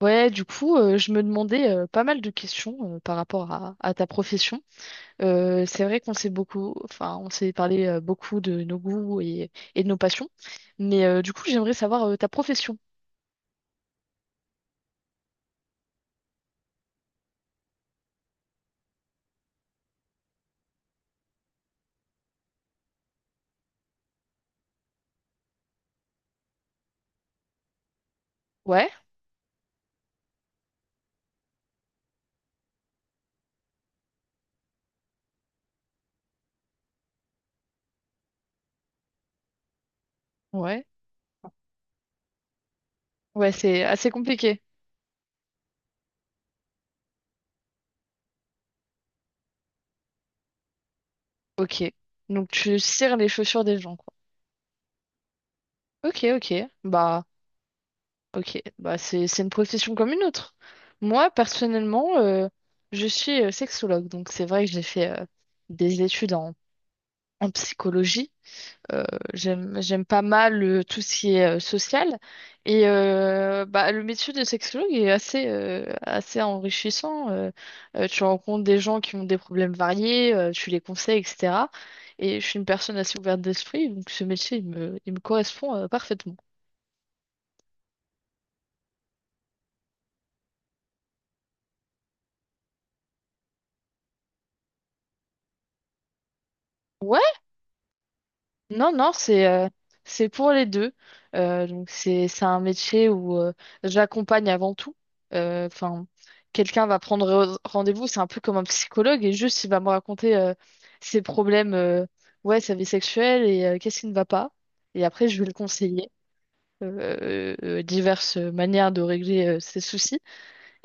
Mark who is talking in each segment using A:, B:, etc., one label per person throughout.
A: Ouais, du coup, je me demandais pas mal de questions par rapport à ta profession. C'est vrai qu'on s'est beaucoup, enfin, on s'est parlé beaucoup de nos goûts et de nos passions, mais du coup, j'aimerais savoir ta profession. Ouais, ouais, ouais, c'est assez compliqué. Ok, donc tu cires les chaussures des gens, quoi. Ok, bah, ok, bah c'est une profession comme une autre. Moi, personnellement, je suis sexologue, donc c'est vrai que j'ai fait des études en en psychologie. euh, j'aime pas mal tout ce qui est social et bah le métier de sexologue est assez assez enrichissant tu rencontres des gens qui ont des problèmes variés, tu les conseilles, etc. Et je suis une personne assez ouverte d'esprit, donc ce métier il me correspond parfaitement. Ouais, non, non, c'est pour les deux. Donc c'est un métier où j'accompagne avant tout. Enfin, quelqu'un va prendre rendez-vous, c'est un peu comme un psychologue et juste il va me raconter ses problèmes, ouais, sa vie sexuelle et qu'est-ce qui ne va pas. Et après, je vais le conseiller. Diverses manières de régler ses soucis.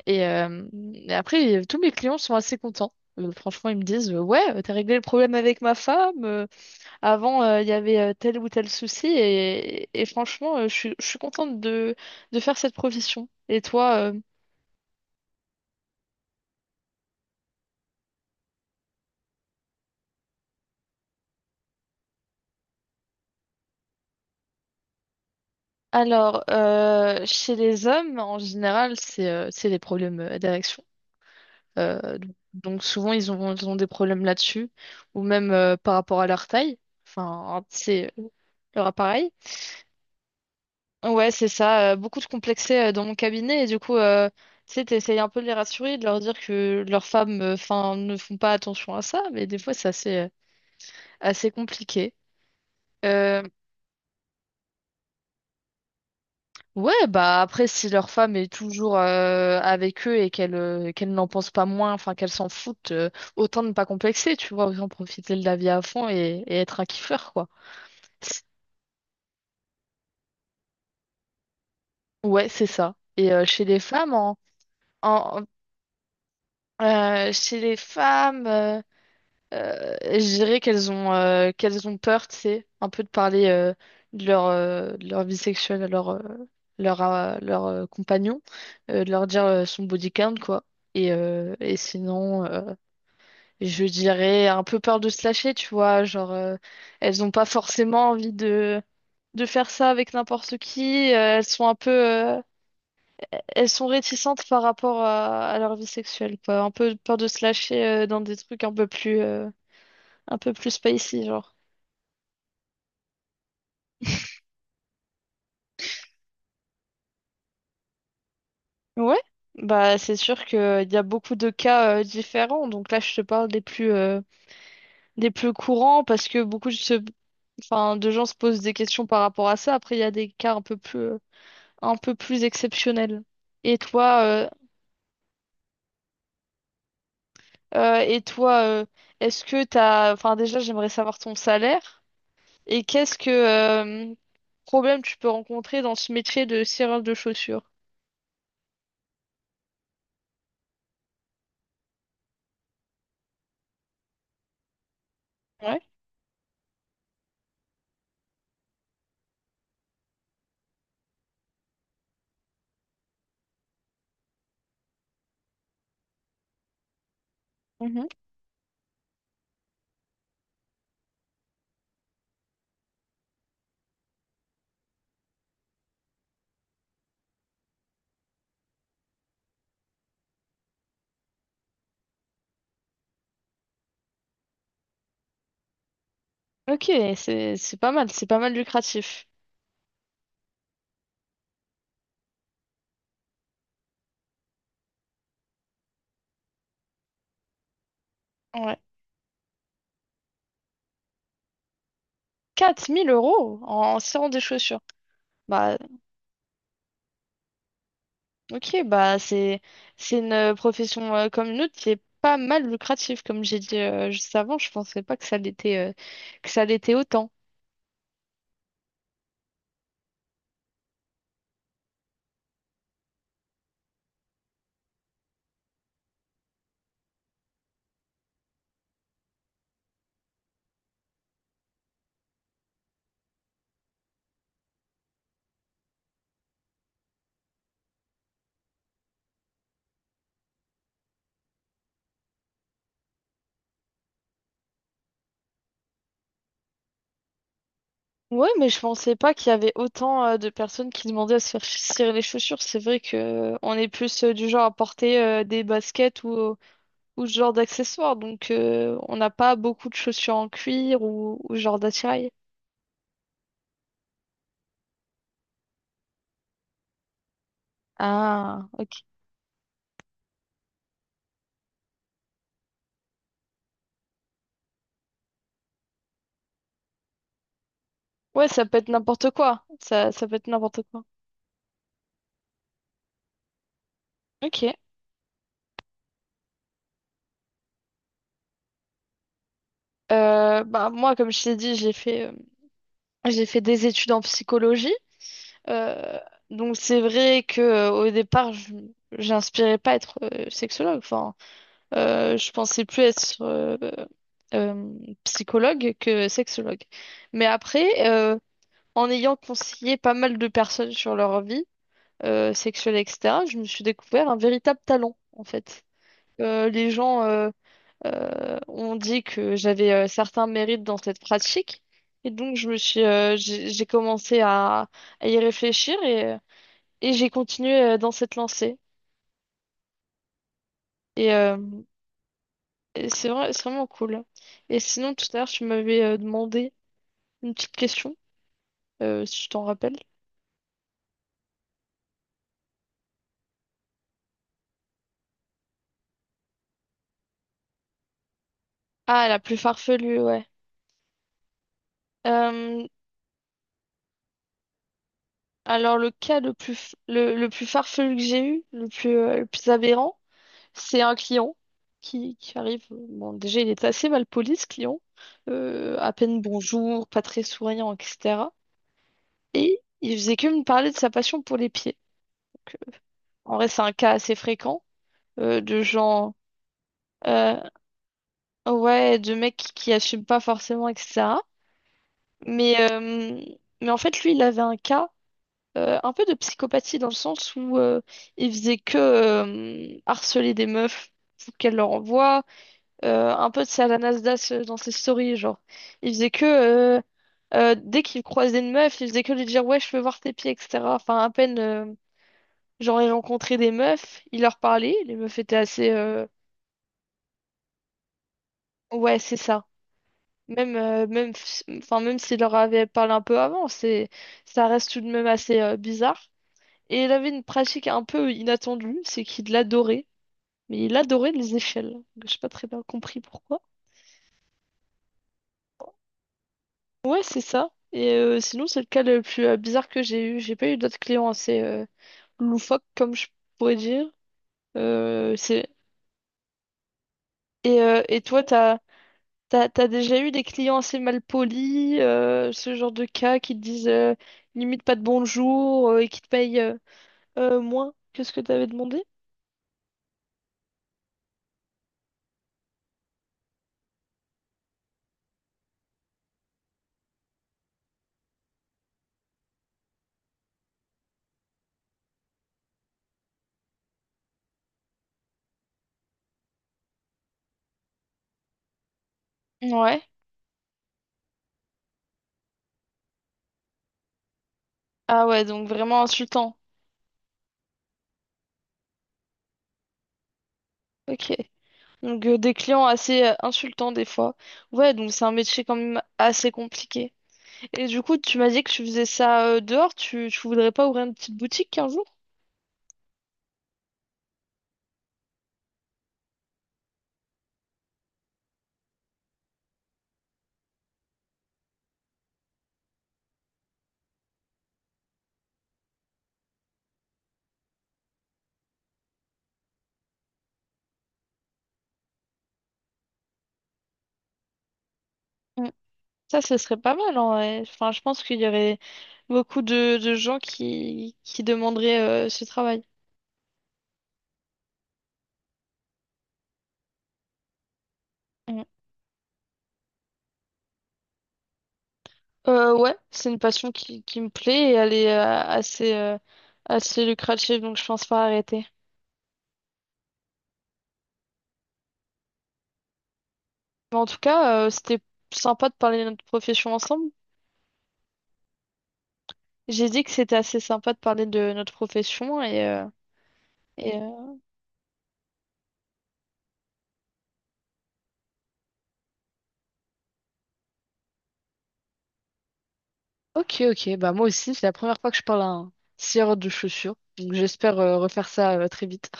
A: Et, euh, et après, tous mes clients sont assez contents. Franchement, ils me disent, ouais, t'as réglé le problème avec ma femme. Avant, il y avait tel ou tel souci et franchement, je suis contente de faire cette profession. Et toi, alors, chez les hommes, en général, c'est les problèmes d'érection. Donc souvent, ils ont des problèmes là-dessus, ou même par rapport à leur taille, enfin, c'est leur appareil. Ouais, c'est ça. Beaucoup de complexés dans mon cabinet et du coup, tu sais, t'essayes un peu de les rassurer, de leur dire que leurs femmes, enfin, ne font pas attention à ça, mais des fois, c'est assez compliqué. Euh, ouais, bah après, si leur femme est toujours avec eux et qu'elle n'en pense pas moins, enfin qu'elle s'en foutent, autant ne pas complexer, tu vois, autant profiter de la vie à fond et être un kiffeur, quoi. Ouais, c'est ça. Et chez les femmes, en- en- chez les femmes. Je dirais qu'elles ont peur, tu sais, un peu de parler de leur vie sexuelle à leur, compagnon, de leur dire son body count, quoi. Et sinon, je dirais un peu peur de se lâcher, tu vois, genre, elles n'ont pas forcément envie de faire ça avec n'importe qui, elles sont un peu, elles sont réticentes par rapport à leur vie sexuelle, quoi. Un peu peur de se lâcher dans des trucs un peu un peu plus spicy, genre. Ouais, bah c'est sûr que il y a beaucoup de cas différents. Donc là, je te parle des plus courants parce que enfin de gens se posent des questions par rapport à ça. Après, il y a des cas un peu plus exceptionnels. Et toi, euh, et toi, est-ce que t'as, enfin déjà, j'aimerais savoir ton salaire et qu'est-ce que problème tu peux rencontrer dans ce métier de cireur de chaussures? Ouais. Mhm. Ok, c'est pas mal, c'est pas mal lucratif. Ouais. 4000 euros en, en serrant des chaussures. Bah, ok, bah, c'est une profession comme une autre qui est pas mal lucrative. Comme j'ai dit juste avant, je pensais pas que ça l'était que ça l'était autant. Ouais, mais je pensais pas qu'il y avait autant de personnes qui demandaient à se faire cirer les chaussures. C'est vrai que on est plus du genre à porter des baskets ou ce genre d'accessoires. Donc, on n'a pas beaucoup de chaussures en cuir ou ce genre d'attirail. Ah, ok. Ouais, ça peut être n'importe quoi. Ça peut être n'importe quoi. Ok. Bah moi, comme je t'ai dit, j'ai fait des études en psychologie. Euh, donc c'est vrai que au départ, je j'inspirais pas à être sexologue. Enfin, je pensais plus être euh, psychologue que sexologue. Mais après, en ayant conseillé pas mal de personnes sur leur vie sexuelle, etc., je me suis découvert un véritable talent, en fait. Les gens On dit que j'avais certains mérites dans cette pratique. Et donc, j'ai commencé à y réfléchir et j'ai continué dans cette lancée. Et, euh, et c'est vrai, c'est vraiment cool. Et sinon, tout à l'heure, tu m'avais demandé une petite question, si je t'en rappelle. Ah, la plus farfelue, ouais. Euh, alors, le plus farfelu que j'ai eu, le plus aberrant, c'est un client qui arrive. Bon, déjà, il est assez mal poli, ce client. À peine bonjour, pas très souriant, etc. Et il faisait que me parler de sa passion pour les pieds. Donc, en vrai, c'est un cas assez fréquent de gens, euh, ouais, de mecs qui assument pas forcément, etc. Mais, euh, mais en fait, lui, il avait un cas un peu de psychopathie dans le sens où il faisait que harceler des meufs pour qu'elles leur envoient. Un peu, c'est à la Nasdaq dans ses stories, genre. Il faisait que, euh, dès qu'il croisait une meuf, il faisait que lui dire, ouais, je veux voir tes pieds, etc. Enfin, à peine, genre, il rencontrait des meufs, il leur parlait, les meufs étaient assez, ouais, c'est ça. Même, même, enfin, même s'il leur avait parlé un peu avant, c'est, ça reste tout de même assez, bizarre. Et il avait une pratique un peu inattendue, c'est qu'il adorait. Mais il adorait les échelles. J'ai pas très bien compris pourquoi. Ouais, c'est ça. Et sinon, c'est le cas le plus bizarre que j'ai eu. J'ai pas eu d'autres clients assez loufoques, comme je pourrais dire. Euh, c'est... et toi, t'as déjà eu des clients assez mal polis, ce genre de cas qui te disent limite pas de bonjour et qui te payent moins que ce que t'avais demandé? Ouais. Ah ouais, donc vraiment insultant. Ok. Donc des clients assez insultants des fois. Ouais, donc c'est un métier quand même assez compliqué. Et du coup, tu m'as dit que tu faisais ça dehors, tu voudrais pas ouvrir une petite boutique un jour? Mm. Ça, ce serait pas mal en vrai. Enfin, je pense qu'il y aurait beaucoup de gens qui demanderaient ce travail. Mm. Ouais, c'est une passion qui me plaît et elle est assez, assez lucrative, donc je pense pas arrêter. Mais en tout cas, c'était sympa de parler de notre profession ensemble. J'ai dit que c'était assez sympa de parler de notre profession et, euh, Ok, ok. Bah, moi aussi, c'est la première fois que je parle à un scieur de chaussures. Donc, j'espère refaire ça très vite.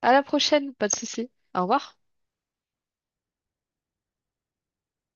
A: À la prochaine, pas de souci. Au revoir.